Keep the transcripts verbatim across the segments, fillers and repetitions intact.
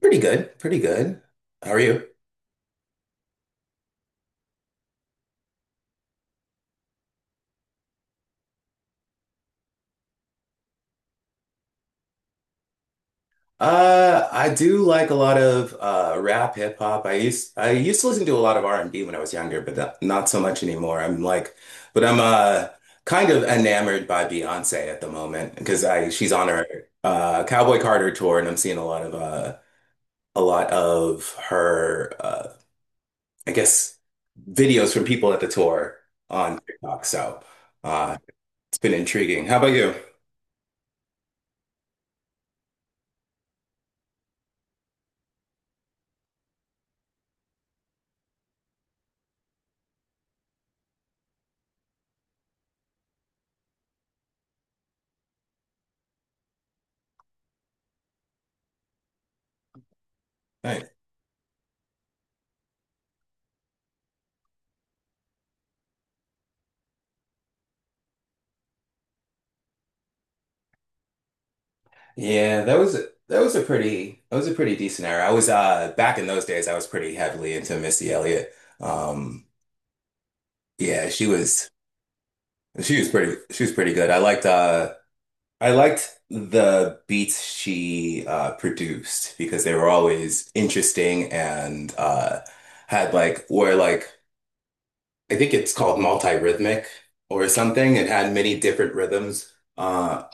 Pretty good, pretty good. How are you? Uh, I do like a lot of uh rap, hip hop. I used I used to listen to a lot of R and B when I was younger, but that, not so much anymore. I'm like, but I'm uh kind of enamored by Beyonce at the moment because I she's on her uh Cowboy Carter tour, and I'm seeing a lot of uh a lot of her uh I guess videos from people at the tour on TikTok. So uh, it's been intriguing. How about you? Yeah, that was a, that was a pretty that was a pretty decent era. I was uh back in those days I was pretty heavily into Missy Elliott. Um yeah, she was she was pretty she was pretty good. I liked uh I liked the beats she uh produced because they were always interesting and uh had like were like I think it's called multi-rhythmic or something. It had many different rhythms. Um,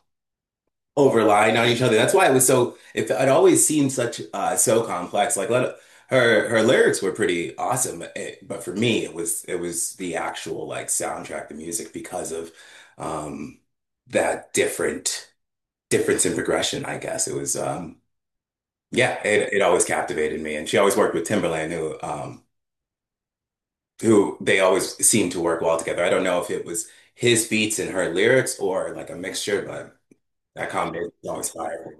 Overlying on each other. That's why it was so it, it always seemed such uh so complex. Like let her her lyrics were pretty awesome, it, but for me it was it was the actual like soundtrack, the music because of um that different difference in progression, I guess. It was um yeah, it it always captivated me and she always worked with Timberland who um who they always seemed to work well together. I don't know if it was his beats and her lyrics or like a mixture, but that combination was always fire.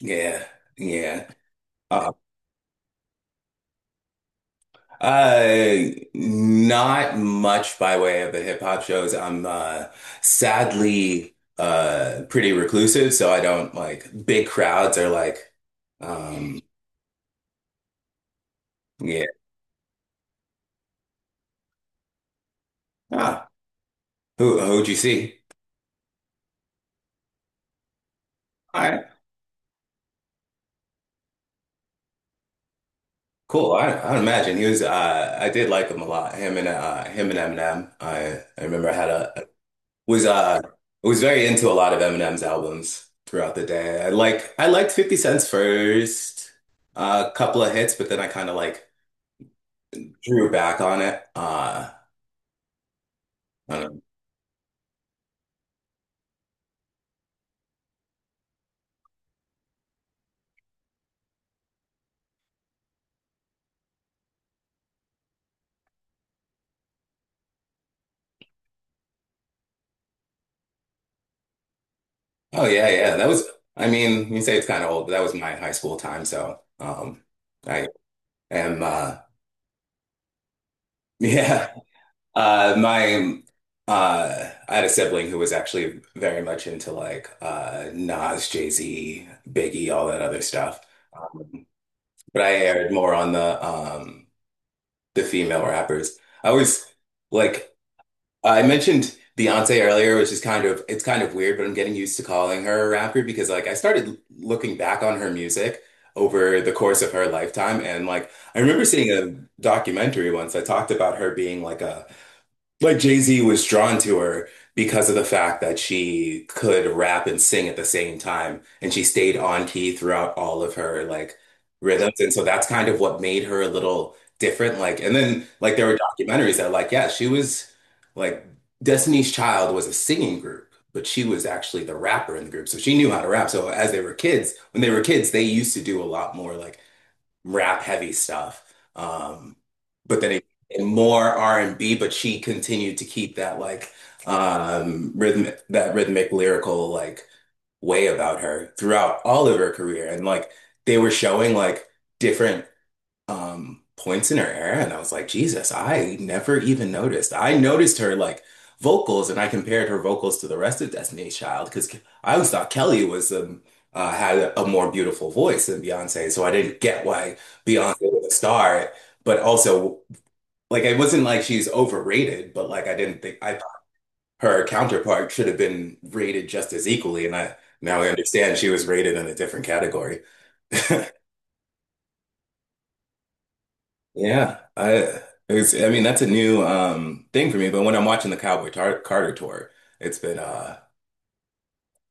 Yeah, yeah. Uh, uh, Not much by way of the hip hop shows. I'm uh, sadly uh, pretty reclusive, so I don't like big crowds are like, um, yeah. Ah, who who'd you see? All right, cool. I I'd imagine he was. Uh, I did like him a lot. Him and uh, him and Eminem. I I remember I had a was uh was very into a lot of Eminem's albums throughout the day. I like I liked fifty Cent's first uh couple of hits, but then I kind of like drew back on it. Uh I don't know. Oh yeah, yeah. That was I mean, you say it's kind of old, but that was my high school time, so um I am uh yeah. Uh my uh I had a sibling who was actually very much into like uh Nas, Jay-Z, Biggie, all that other stuff. Um, But I aired more on the um the female rappers. I was like I mentioned Beyonce earlier, which is kind of it's kind of weird, but I'm getting used to calling her a rapper because like I started looking back on her music over the course of her lifetime and like I remember seeing a documentary once that talked about her being like a like Jay-Z was drawn to her because of the fact that she could rap and sing at the same time, and she stayed on key throughout all of her like rhythms. And so that's kind of what made her a little different. Like, and then like there were documentaries that like, yeah, she was like Destiny's Child was a singing group, but she was actually the rapper in the group. So she knew how to rap. So as they were kids, when they were kids, they used to do a lot more like rap heavy stuff. Um, but then it, and more R and B, but she continued to keep that like um rhythmic that rhythmic lyrical like way about her throughout all of her career. And like they were showing like different um points in her era and I was like, Jesus, I never even noticed. I noticed her like vocals and I compared her vocals to the rest of Destiny's Child because I always thought Kelly was um uh, had a, a more beautiful voice than Beyonce, so I didn't get why Beyonce was a star, but also like it wasn't like she's overrated, but like I didn't think I thought her counterpart should have been rated just as equally and I now I understand she was rated in a different category. Yeah, I it's, I mean that's a new um thing for me, but when I'm watching the Cowboy Tar Carter tour, it's been uh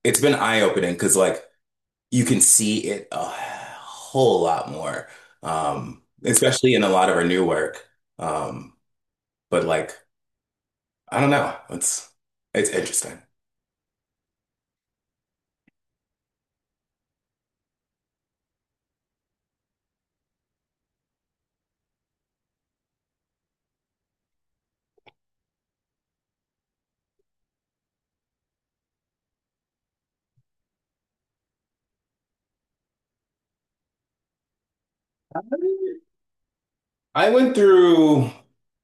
it's been eye-opening opening because like you can see it a whole lot more. Um, especially in a lot of our new work. Um but like I don't know, it's it's interesting. I went through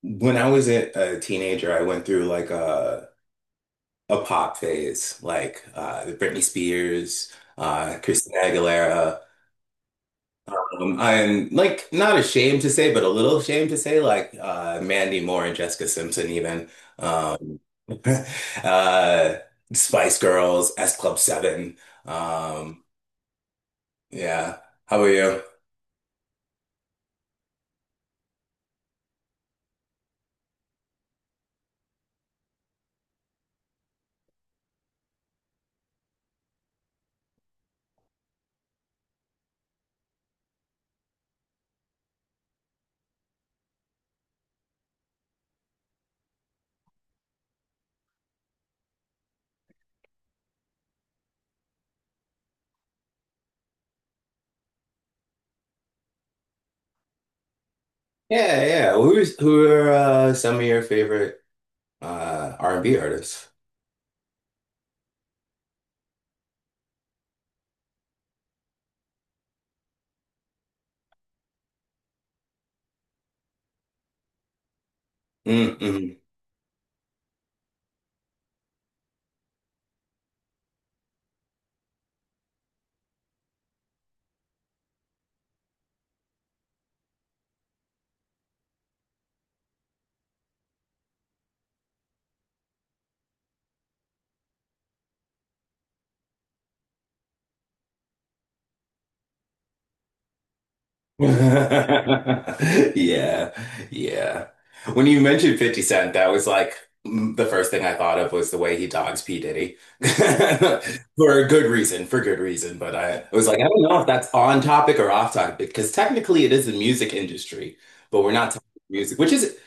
when I was a a teenager, I went through like a a pop phase, like uh Britney Spears, uh Christina Aguilera. Um, I'm like not ashamed to say, but a little ashamed to say, like uh, Mandy Moore and Jessica Simpson, even um, uh, Spice Girls, S Club Seven. Um, yeah, how about you? Yeah, yeah. Who's who are uh, some of your favorite uh, R and B artists? Mm-hmm. Yeah, yeah. When you mentioned fifty Cent, that was like mm, the first thing I thought of was the way he dogs P. Diddy. For a good reason, for good reason. But I I was like, I don't know if that's on topic or off topic because technically it is the music industry, but we're not talking music, which is,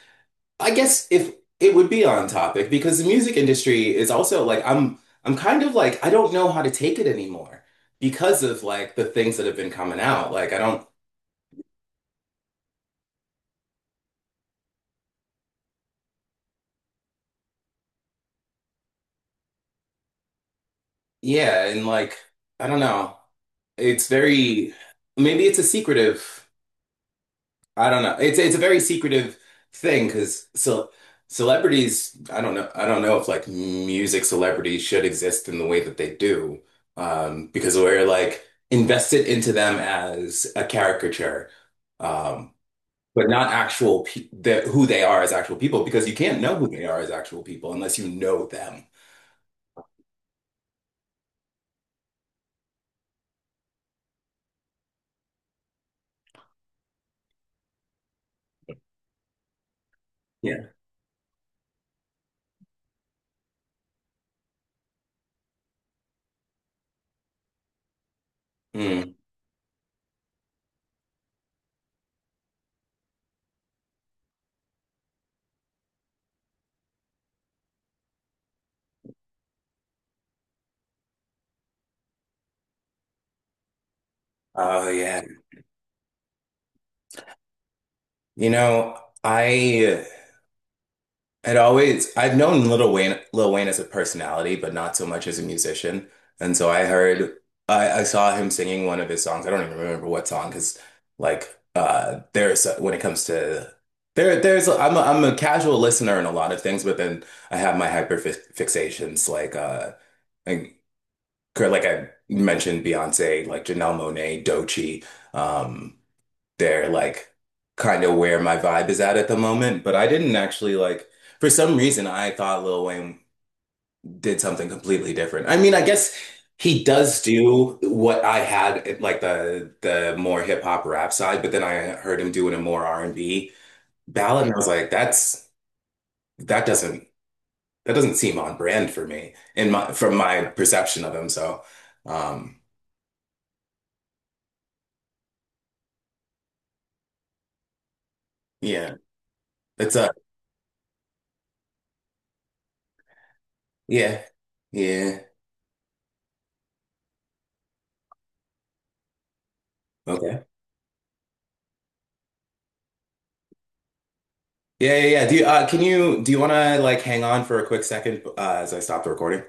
I guess, if it would be on topic because the music industry is also like, I'm, I'm kind of like, I don't know how to take it anymore because of like the things that have been coming out. Like, I don't. Yeah, and like I don't know. It's very Maybe it's a secretive. I don't know. It's it's a very secretive thing because so celebrities, I don't know. I don't know if like music celebrities should exist in the way that they do. Um, because we're like invested into them as a caricature. Um, but not actual pe the, who they are as actual people because you can't know who they are as actual people unless you know them. Yeah. Mm. Oh yeah. You know, I It always, I've known Lil Wayne, Lil Wayne as a personality, but not so much as a musician. And so I heard, I, I saw him singing one of his songs. I don't even remember what song, because like, uh, there's so, when it comes to there, there's I'm a, I'm a casual listener in a lot of things, but then I have my hyper fi fixations like uh, like, like I mentioned Beyonce, like Janelle Monáe, Doechii, um they're like kind of where my vibe is at at the moment. But I didn't actually like, for some reason, I thought Lil Wayne did something completely different. I mean, I guess he does do what I had like the the more hip hop rap side, but then I heard him doing a more R and B ballad, and I was like, that's that doesn't that doesn't seem on brand for me in my from my perception of him. So, um, yeah, it's a yeah, yeah, okay. Yeah, yeah, yeah. Do you uh, can you do you want to like hang on for a quick second uh, as I stop the recording?